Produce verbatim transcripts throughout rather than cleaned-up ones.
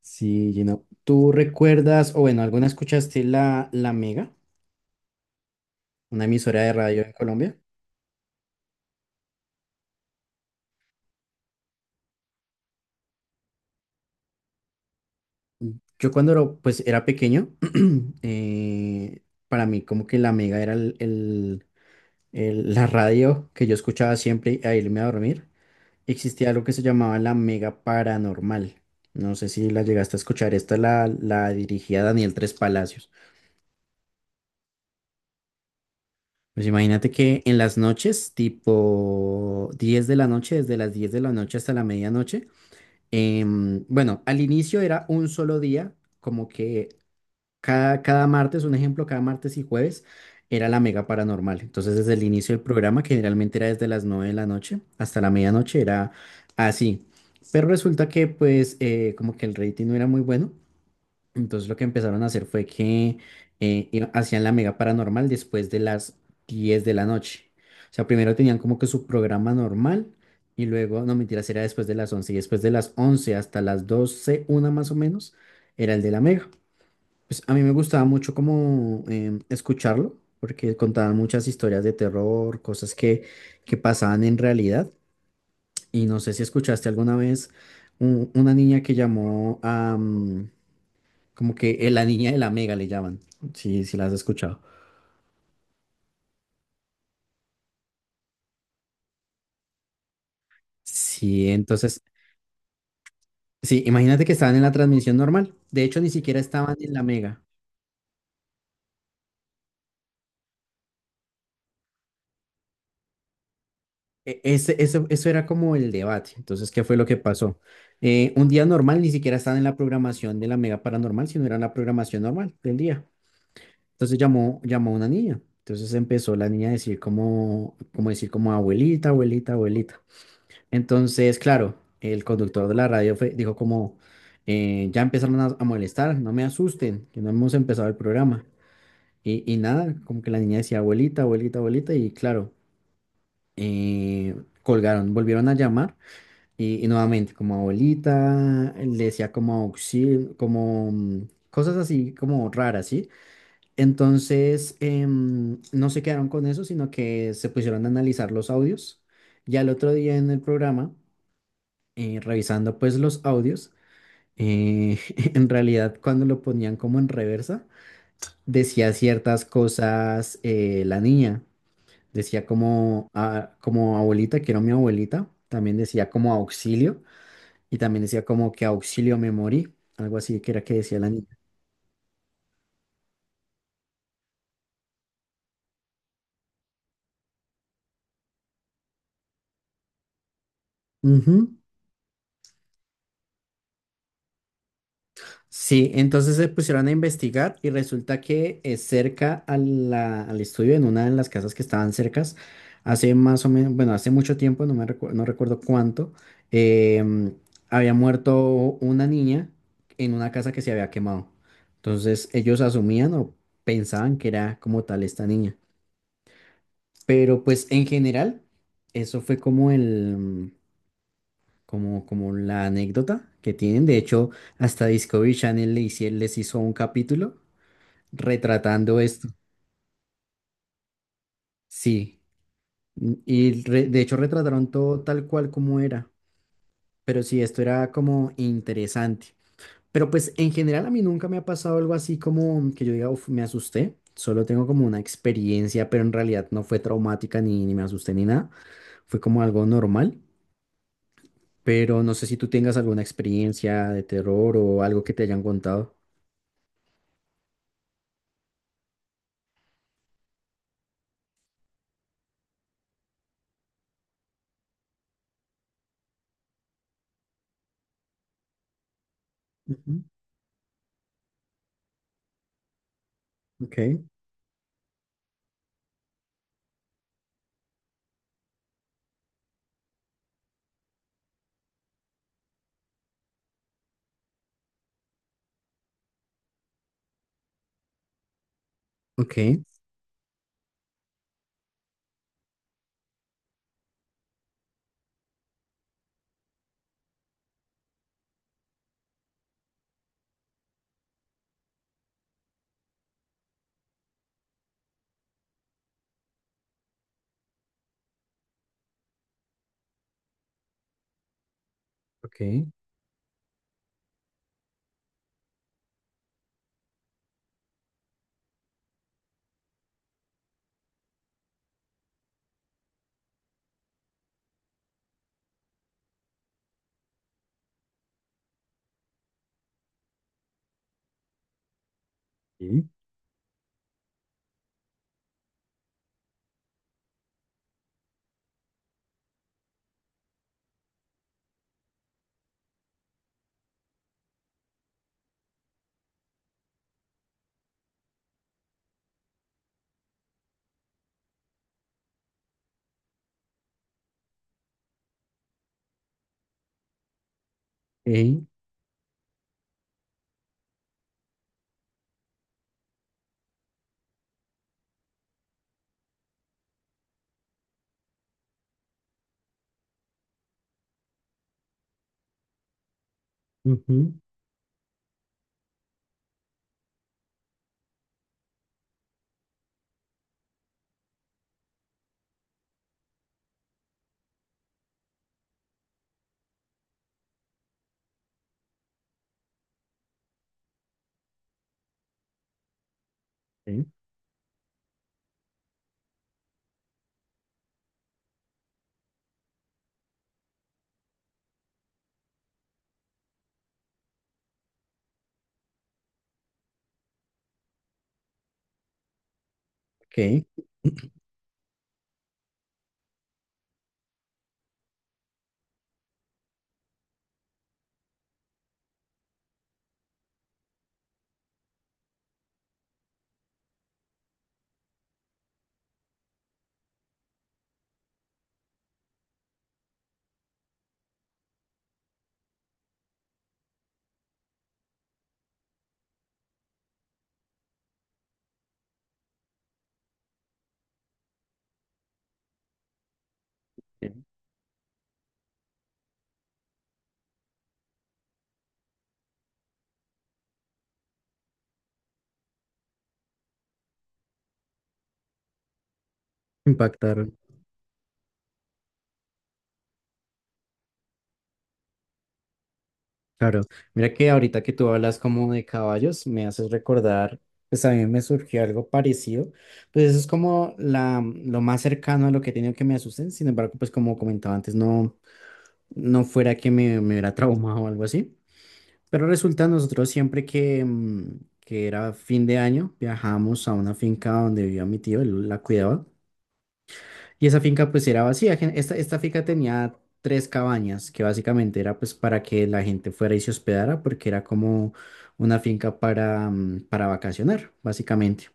Sí, Gino. ¿Tú recuerdas, o bueno, alguna escuchaste la, la Mega, una emisora de radio en Colombia? Yo cuando era, pues, era pequeño, eh, para mí como que la Mega era el, el- el- la radio que yo escuchaba siempre a irme a dormir. Existía algo que se llamaba la Mega Paranormal. No sé si la llegaste a escuchar. Esta la, la dirigía Daniel Tres Palacios. Pues imagínate que en las noches, tipo diez de la noche, desde las diez de la noche hasta la medianoche. Em, bueno, al inicio era un solo día, como que cada, cada martes, un ejemplo, cada martes y jueves era la mega paranormal. Entonces, desde el inicio del programa, que generalmente era desde las nueve de la noche hasta la medianoche, era así. Pero resulta que, pues, eh, como que el rating no era muy bueno. Entonces lo que empezaron a hacer fue que eh, iba- hacían la mega paranormal después de las diez de la noche. O sea, primero tenían como que su programa normal y luego, no mentiras, era después de las once y después de las once hasta las doce una más o menos, era el de la mega. Pues a mí me gustaba mucho como em, escucharlo porque contaban muchas historias de terror, cosas que, que pasaban en realidad. Y no sé si escuchaste alguna vez un- una niña que llamó a... mm, como que eh, la niña de la mega le llaman. Sí, sí, las has escuchado. Sí, entonces, sí, imagínate que estaban en la transmisión normal. De hecho, ni siquiera estaban en la mega. E- ese- eso, eso era como el debate. Entonces, ¿qué fue lo que pasó? Eh, un día normal ni siquiera estaban en la programación de la mega paranormal, sino era en la programación normal del día. Entonces llamó, llamó una niña. Entonces empezó la niña a decir como, como decir como abuelita, abuelita, abuelita. Entonces, claro, el conductor de la radio fue- dijo como, eh, ya empezaron a, a molestar, no me asusten, que no hemos empezado el programa. Y, y nada, como que la niña decía, abuelita, abuelita, abuelita, y claro, eh, colgaron, volvieron a llamar y, y nuevamente como abuelita, le decía como auxilio, como mm, cosas así como raras, ¿sí? Entonces, em, no se quedaron con eso, sino que se pusieron a analizar los audios y al otro día en el programa eh, revisando pues los audios, eh, en realidad cuando lo ponían como en reversa, decía ciertas cosas eh, la niña, decía como, ah, como abuelita, quiero a mi abuelita, también decía como auxilio y también decía como que auxilio me morí, algo así que era que decía la niña. Ujú. Sí, entonces se pusieron a investigar y resulta que eh, cerca a la- al estudio, en una de las casas que estaban cercas, hace más o menos, bueno, hace mucho tiempo, no me recu- no recuerdo cuánto, em, había muerto una niña en una casa que se había quemado. Entonces ellos asumían o pensaban que era como tal esta niña. Pero pues en general, eso fue como el, mm, como, como la anécdota que tienen. De hecho, hasta Discovery Channel le hici- les hizo un capítulo retratando esto. Sí, y re- de hecho retrataron todo tal cual como era, pero sí, esto era como interesante. Pero pues en general a mí nunca me ha pasado algo así como que yo diga, "Uf, me asusté", solo tengo como una experiencia, pero en realidad no fue traumática ni, ni me asusté ni nada, fue como algo normal, pero no sé si tú tengas alguna experiencia de terror o algo que te hayan contado. Ujú. Ok, ok, ok. Sí. Ey. Ujú. Ok, ok. Impactaron, claro. Mira que ahorita que tú hablas como de caballos, me haces recordar, pues a mí me surgió algo parecido. Pues eso es como la, lo más cercano a lo que he tenido que me asusten. Sin embargo, pues como comentaba antes, no, no fuera que me, me hubiera traumado o algo así. Pero resulta nosotros siempre que, mm, que era fin de año, viajamos a una finca donde vivía mi tío, él la cuidaba. Y esa finca pues era vacía. gen- Esta, esta finca tenía tres cabañas que básicamente era pues para que la gente fuera y se hospedara porque era como una finca para, mm, para vacacionar, básicamente.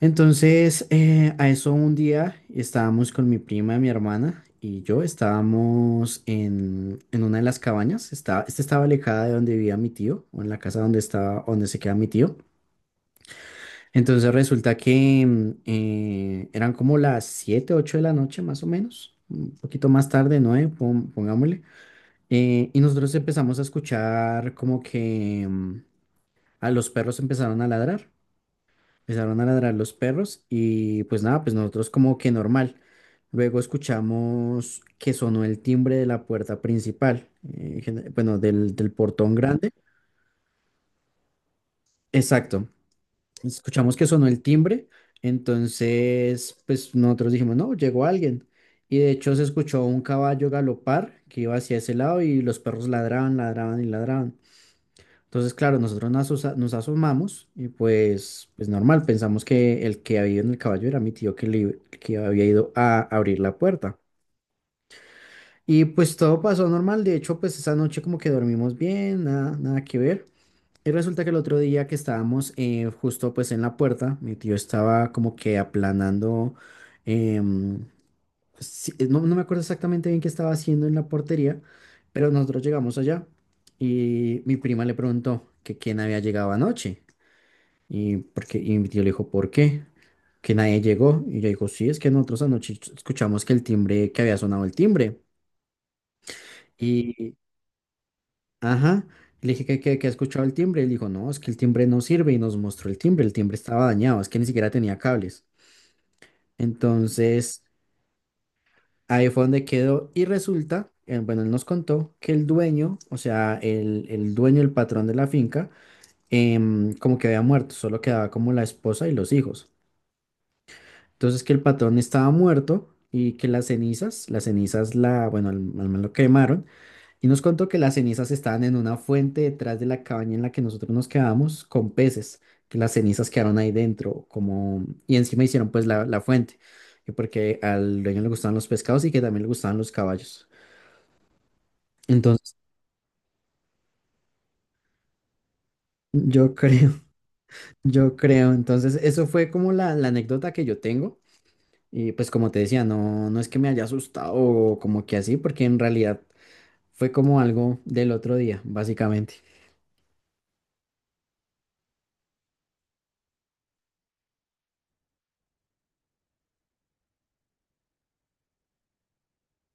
Entonces, eh, a eso un día estábamos con mi prima, mi hermana y yo, estábamos en, en una de las cabañas. Estaba, esta estaba alejada de donde vivía mi tío o en la casa donde estaba, donde se queda mi tío. Entonces resulta que mm, eh, eran como las siete ocho de la noche más o menos, un poquito más tarde, nueve, pon- pongámosle. eh, y nosotros empezamos a escuchar como que mm, a los perros empezaron a ladrar, empezaron a ladrar los perros y pues nada, pues nosotros como que normal. Luego escuchamos que sonó el timbre de la puerta principal, eh, gen- bueno, del, del portón grande. Exacto. Escuchamos que sonó el timbre, entonces pues nosotros dijimos, no, llegó alguien. Y de hecho se escuchó un caballo galopar que iba hacia ese lado y los perros ladraban, ladraban y ladraban. Entonces, claro, nosotros nos, asa- nos asomamos y pues, pues normal, pensamos que el que había ido en el caballo era mi tío que, le, que había ido a abrir la puerta. Y pues todo pasó normal, de hecho pues esa noche como que dormimos bien, nada, nada que ver. Y resulta que el otro día que estábamos eh, justo pues en la puerta, mi tío estaba como que aplanando, em, pues, sí, eh, no, no me acuerdo exactamente bien qué estaba haciendo en la portería, pero nosotros llegamos allá y mi prima le preguntó que quién había llegado anoche y, porque, y mi tío le dijo, ¿por qué? Que nadie llegó y yo dijo, sí, es que nosotros anoche escuchamos que el timbre, que había sonado el timbre. Ajá. Le dije que, que, que ha escuchado el timbre. Él dijo, no, es que el timbre no sirve y nos mostró el timbre. El timbre estaba dañado, es que ni siquiera tenía cables. Entonces, ahí fue donde quedó. Y resulta, eh, bueno, él nos contó que el dueño, o sea, el, el dueño, el patrón de la finca, em, como que había muerto, solo quedaba como la esposa y los hijos. Entonces, que el patrón estaba muerto y que las cenizas, las cenizas, la, bueno, al, al man lo quemaron. Y nos contó que las cenizas estaban en una fuente detrás de la cabaña en la que nosotros nos quedábamos con peces, que las cenizas quedaron ahí dentro, como, y encima hicieron pues la, la fuente, y porque al dueño le gustaban los pescados y que también le gustaban los caballos. Entonces, yo creo, yo creo, entonces eso fue como la, la anécdota que yo tengo, y pues como te decía, no, no es que me haya asustado o como que así, porque en realidad fue como algo del otro día, básicamente.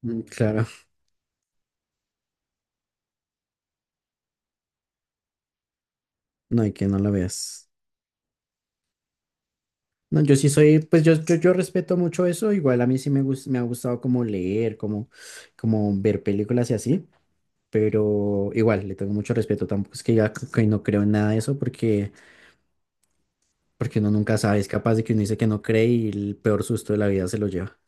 Mm. Claro, no hay que no lo veas. No, yo sí soy, pues yo, yo, yo respeto mucho eso, igual a mí sí me gus- me ha gustado como leer, como, como ver películas y así, pero igual le tengo mucho respeto, tampoco es que ya que no creo en nada de eso porque, porque uno nunca sabe, es capaz de que uno dice que no cree y el peor susto de la vida se lo lleva.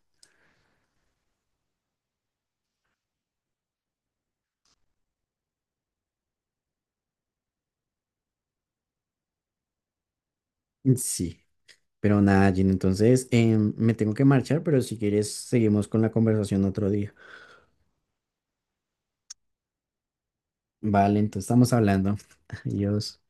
Mm. Sí, pero nada, Gina, entonces em, me tengo que marchar, pero si quieres seguimos con la conversación otro día. Vale, entonces estamos hablando. Adiós.